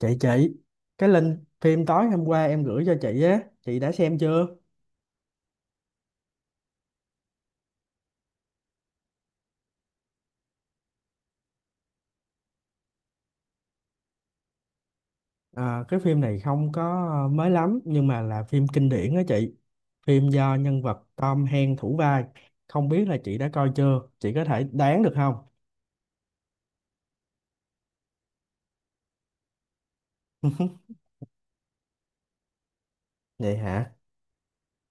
Chị, cái link phim tối hôm qua em gửi cho chị á, chị đã xem chưa? Cái phim này không có mới lắm nhưng mà là phim kinh điển á chị. Phim do nhân vật Tom Hanks thủ vai. Không biết là chị đã coi chưa, chị có thể đoán được không? Vậy hả?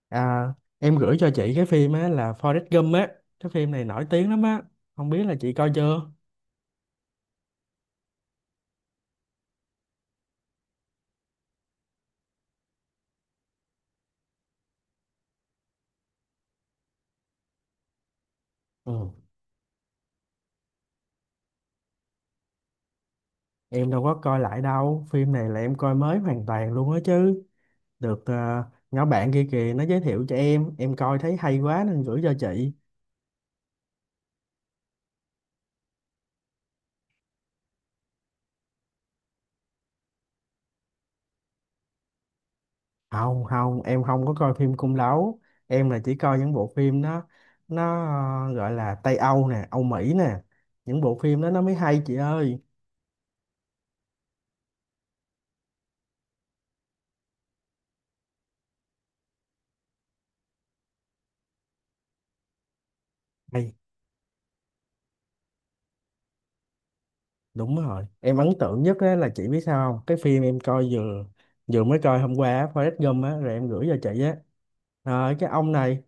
à, em gửi cho chị cái phim á là Forrest Gump á. Cái phim này nổi tiếng lắm á, không biết là chị coi chưa. Ừ. Em đâu có coi lại đâu, phim này là em coi mới hoàn toàn luôn á chứ. Được, nhóm bạn kia kìa nó giới thiệu cho em coi thấy hay quá nên gửi cho chị. Không không, em không có coi phim cung đấu. Em là chỉ coi những bộ phim nó gọi là Tây Âu nè, Âu Mỹ nè. Những bộ phim đó nó mới hay chị ơi. Hay, đúng rồi. Em ấn tượng nhất á, là chị biết sao không, cái phim em coi vừa vừa mới coi hôm qua á, Forrest Gump á rồi em gửi cho chị á. Rồi cái ông này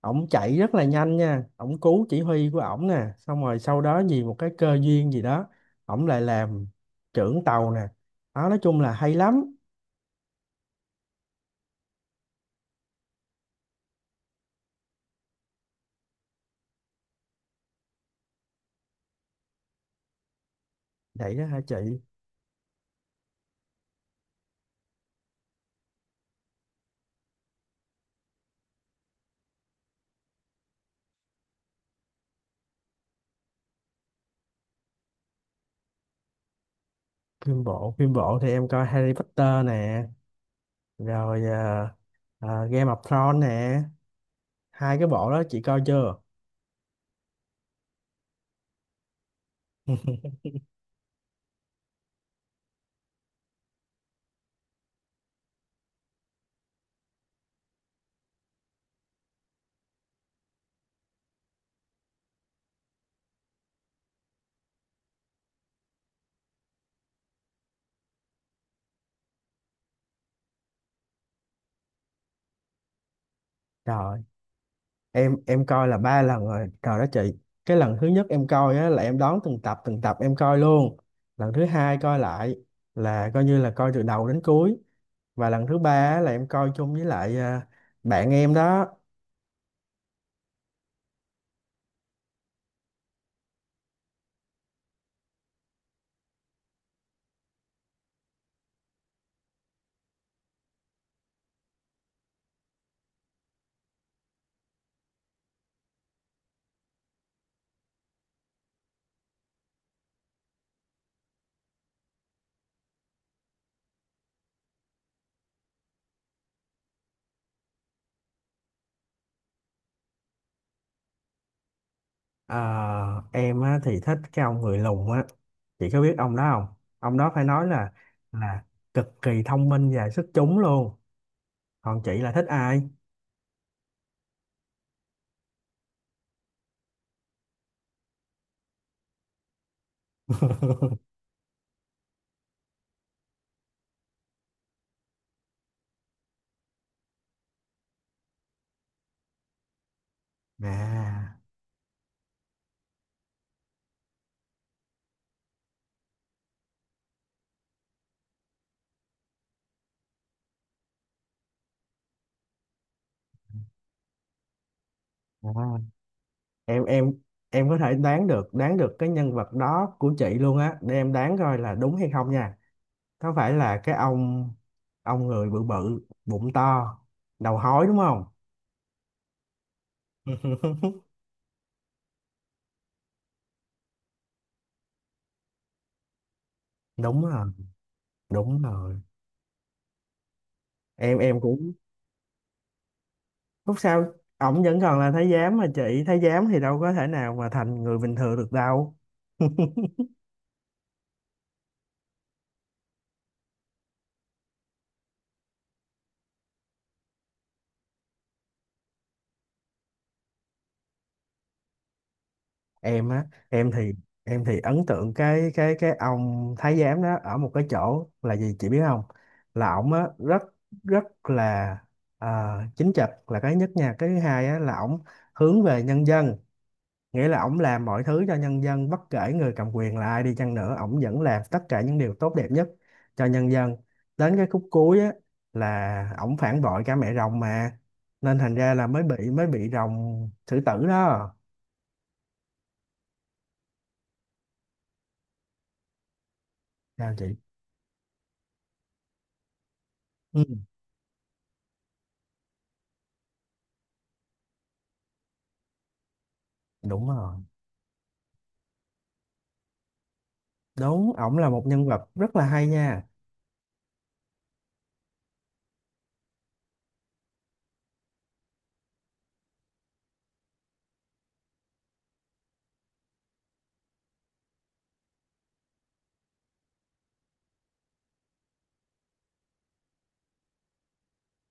ổng chạy rất là nhanh nha, ổng cứu chỉ huy của ổng nè, xong rồi sau đó vì một cái cơ duyên gì đó ổng lại làm trưởng tàu nè. Đó, nói chung là hay lắm. Vậy đó hả chị? Phim bộ phim bộ thì em coi Harry Potter nè, rồi Game of Thrones nè. Hai cái bộ đó chị coi chưa? Rồi, em coi là ba lần rồi rồi đó chị. Cái lần thứ nhất em coi á là em đón từng tập em coi luôn. Lần thứ hai coi lại là coi như là coi từ đầu đến cuối. Và lần thứ ba á, là em coi chung với lại bạn em đó. Ờ, em á, thì thích cái ông người lùn á. Chị có biết ông đó không? Ông đó phải nói là cực kỳ thông minh và xuất chúng luôn. Còn chị là thích ai? à, à. em em em có thể đoán được, đoán được cái nhân vật đó của chị luôn á, để em đoán coi là đúng hay không nha. Có phải là cái ông người bự bự bụng to, đầu hói đúng không? Đúng rồi. Đúng rồi. Em em cũng. Lúc sau ổng vẫn còn là thái giám mà chị, thái giám thì đâu có thể nào mà thành người bình thường được đâu. Em á, em thì ấn tượng cái ông thái giám đó ở một cái chỗ là gì chị biết không? Là ổng á rất, rất là ờ, chính trực là cái nhất nha. Cái thứ hai á là ổng hướng về nhân dân, nghĩa là ổng làm mọi thứ cho nhân dân, bất kể người cầm quyền là ai đi chăng nữa ổng vẫn làm tất cả những điều tốt đẹp nhất cho nhân dân. Đến cái khúc cuối á là ổng phản bội cả mẹ rồng mà, nên thành ra là mới bị rồng xử tử đó. Sao chị? Ừ. Đúng rồi. Đúng, ổng là một nhân vật rất là hay nha.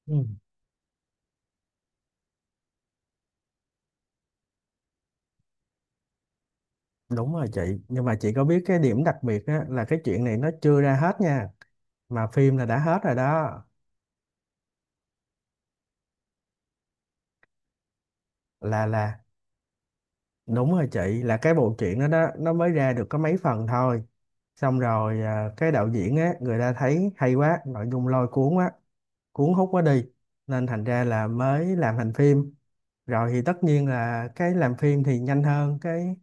Ừ. Đúng rồi chị, nhưng mà chị có biết cái điểm đặc biệt á, là cái chuyện này nó chưa ra hết nha, mà phim là đã hết rồi đó. Là đúng rồi chị, là cái bộ truyện đó đó nó mới ra được có mấy phần thôi. Xong rồi cái đạo diễn á người ta thấy hay quá, nội dung lôi cuốn quá, cuốn hút quá đi, nên thành ra là mới làm thành phim. Rồi thì tất nhiên là cái làm phim thì nhanh hơn cái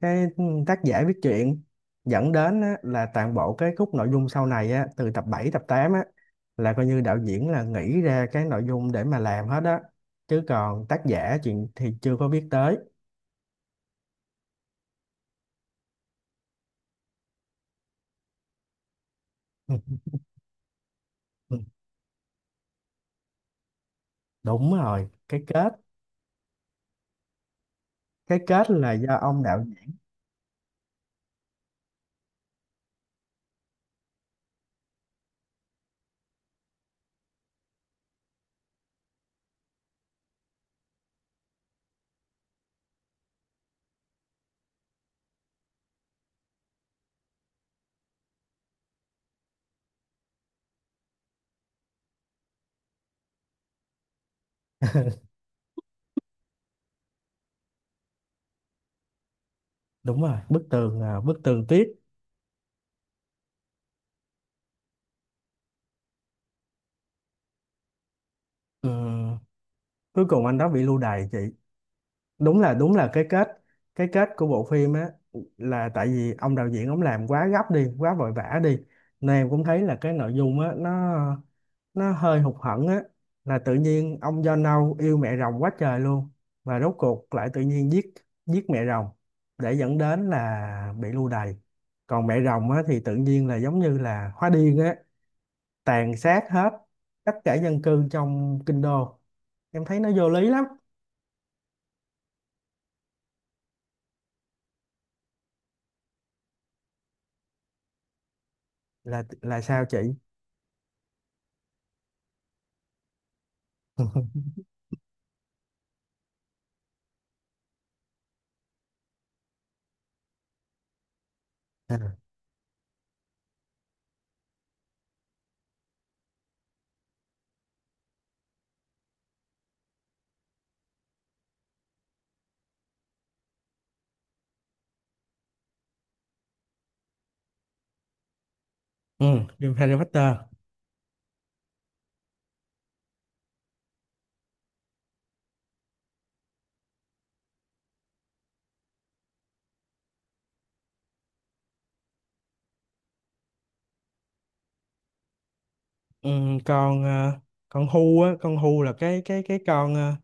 cái tác giả viết truyện, dẫn đến á, là toàn bộ cái khúc nội dung sau này á, từ tập 7 tập 8 á, là coi như đạo diễn là nghĩ ra cái nội dung để mà làm hết á, chứ còn tác giả chuyện thì chưa có biết tới. Đúng rồi, cái kết, cái kết là do ông đạo diễn. Đúng rồi, bức tường, bức tường tuyết. Ừ. Cuối cùng anh đó bị lưu đày chị. Đúng là, đúng là cái kết, cái kết của bộ phim á, là tại vì ông đạo diễn ông làm quá gấp đi, quá vội vã đi, nên em cũng thấy là cái nội dung á nó hơi hụt hẫng á. Là tự nhiên ông do nâu yêu mẹ rồng quá trời luôn, và rốt cuộc lại tự nhiên giết giết mẹ rồng, để dẫn đến là bị lưu đày. Còn mẹ rồng á thì tự nhiên là giống như là hóa điên á, tàn sát hết tất cả dân cư trong kinh đô. Em thấy nó vô lý lắm. Là sao chị? À. Ừ, phim Harry Potter. Ừ, con ờ, con Hu á, con Hu là cái con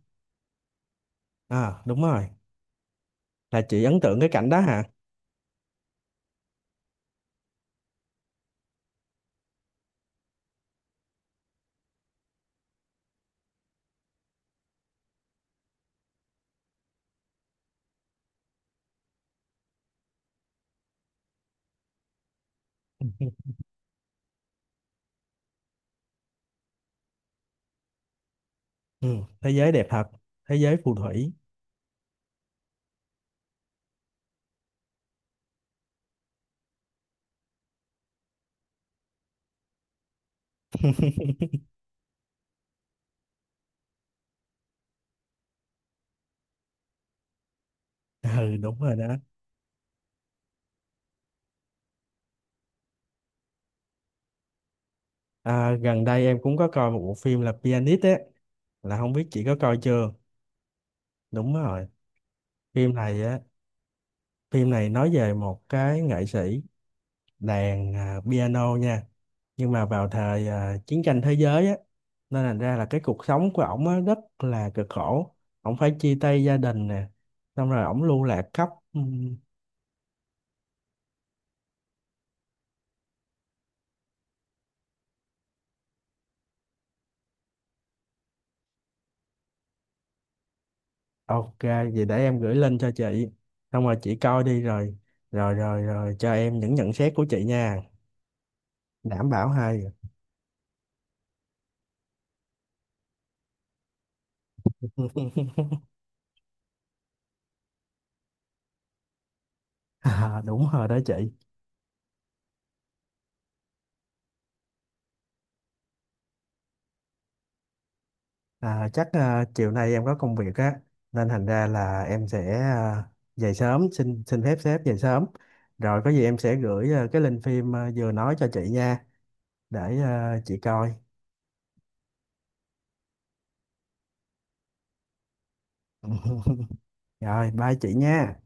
à đúng rồi. Là chị ấn tượng cái cảnh đó hả? Ừ, ừ, thế giới đẹp thật, thế giới phù thủy. Ừ, đúng rồi đó. Gần đây em cũng có coi một bộ phim là Pianist á, là không biết chị có coi chưa. Đúng rồi. Phim này á, phim này nói về một cái nghệ sĩ đàn piano nha, nhưng mà vào thời chiến tranh thế giới á, nên thành ra là cái cuộc sống của ổng á rất là cực khổ, ổng phải chia tay gia đình nè, xong rồi ổng lưu lạc khắp. Ok, vậy để em gửi link cho chị, xong rồi chị coi đi rồi rồi cho em những nhận xét của chị nha. Đảm bảo hay. À, đúng rồi đó chị. À, chắc chiều nay em có công việc á, nên thành ra là em sẽ dậy sớm, xin xin phép sếp dậy sớm, rồi có gì em sẽ gửi cái link phim vừa nói cho chị nha, để chị coi. Ừ. Rồi, bye chị nha.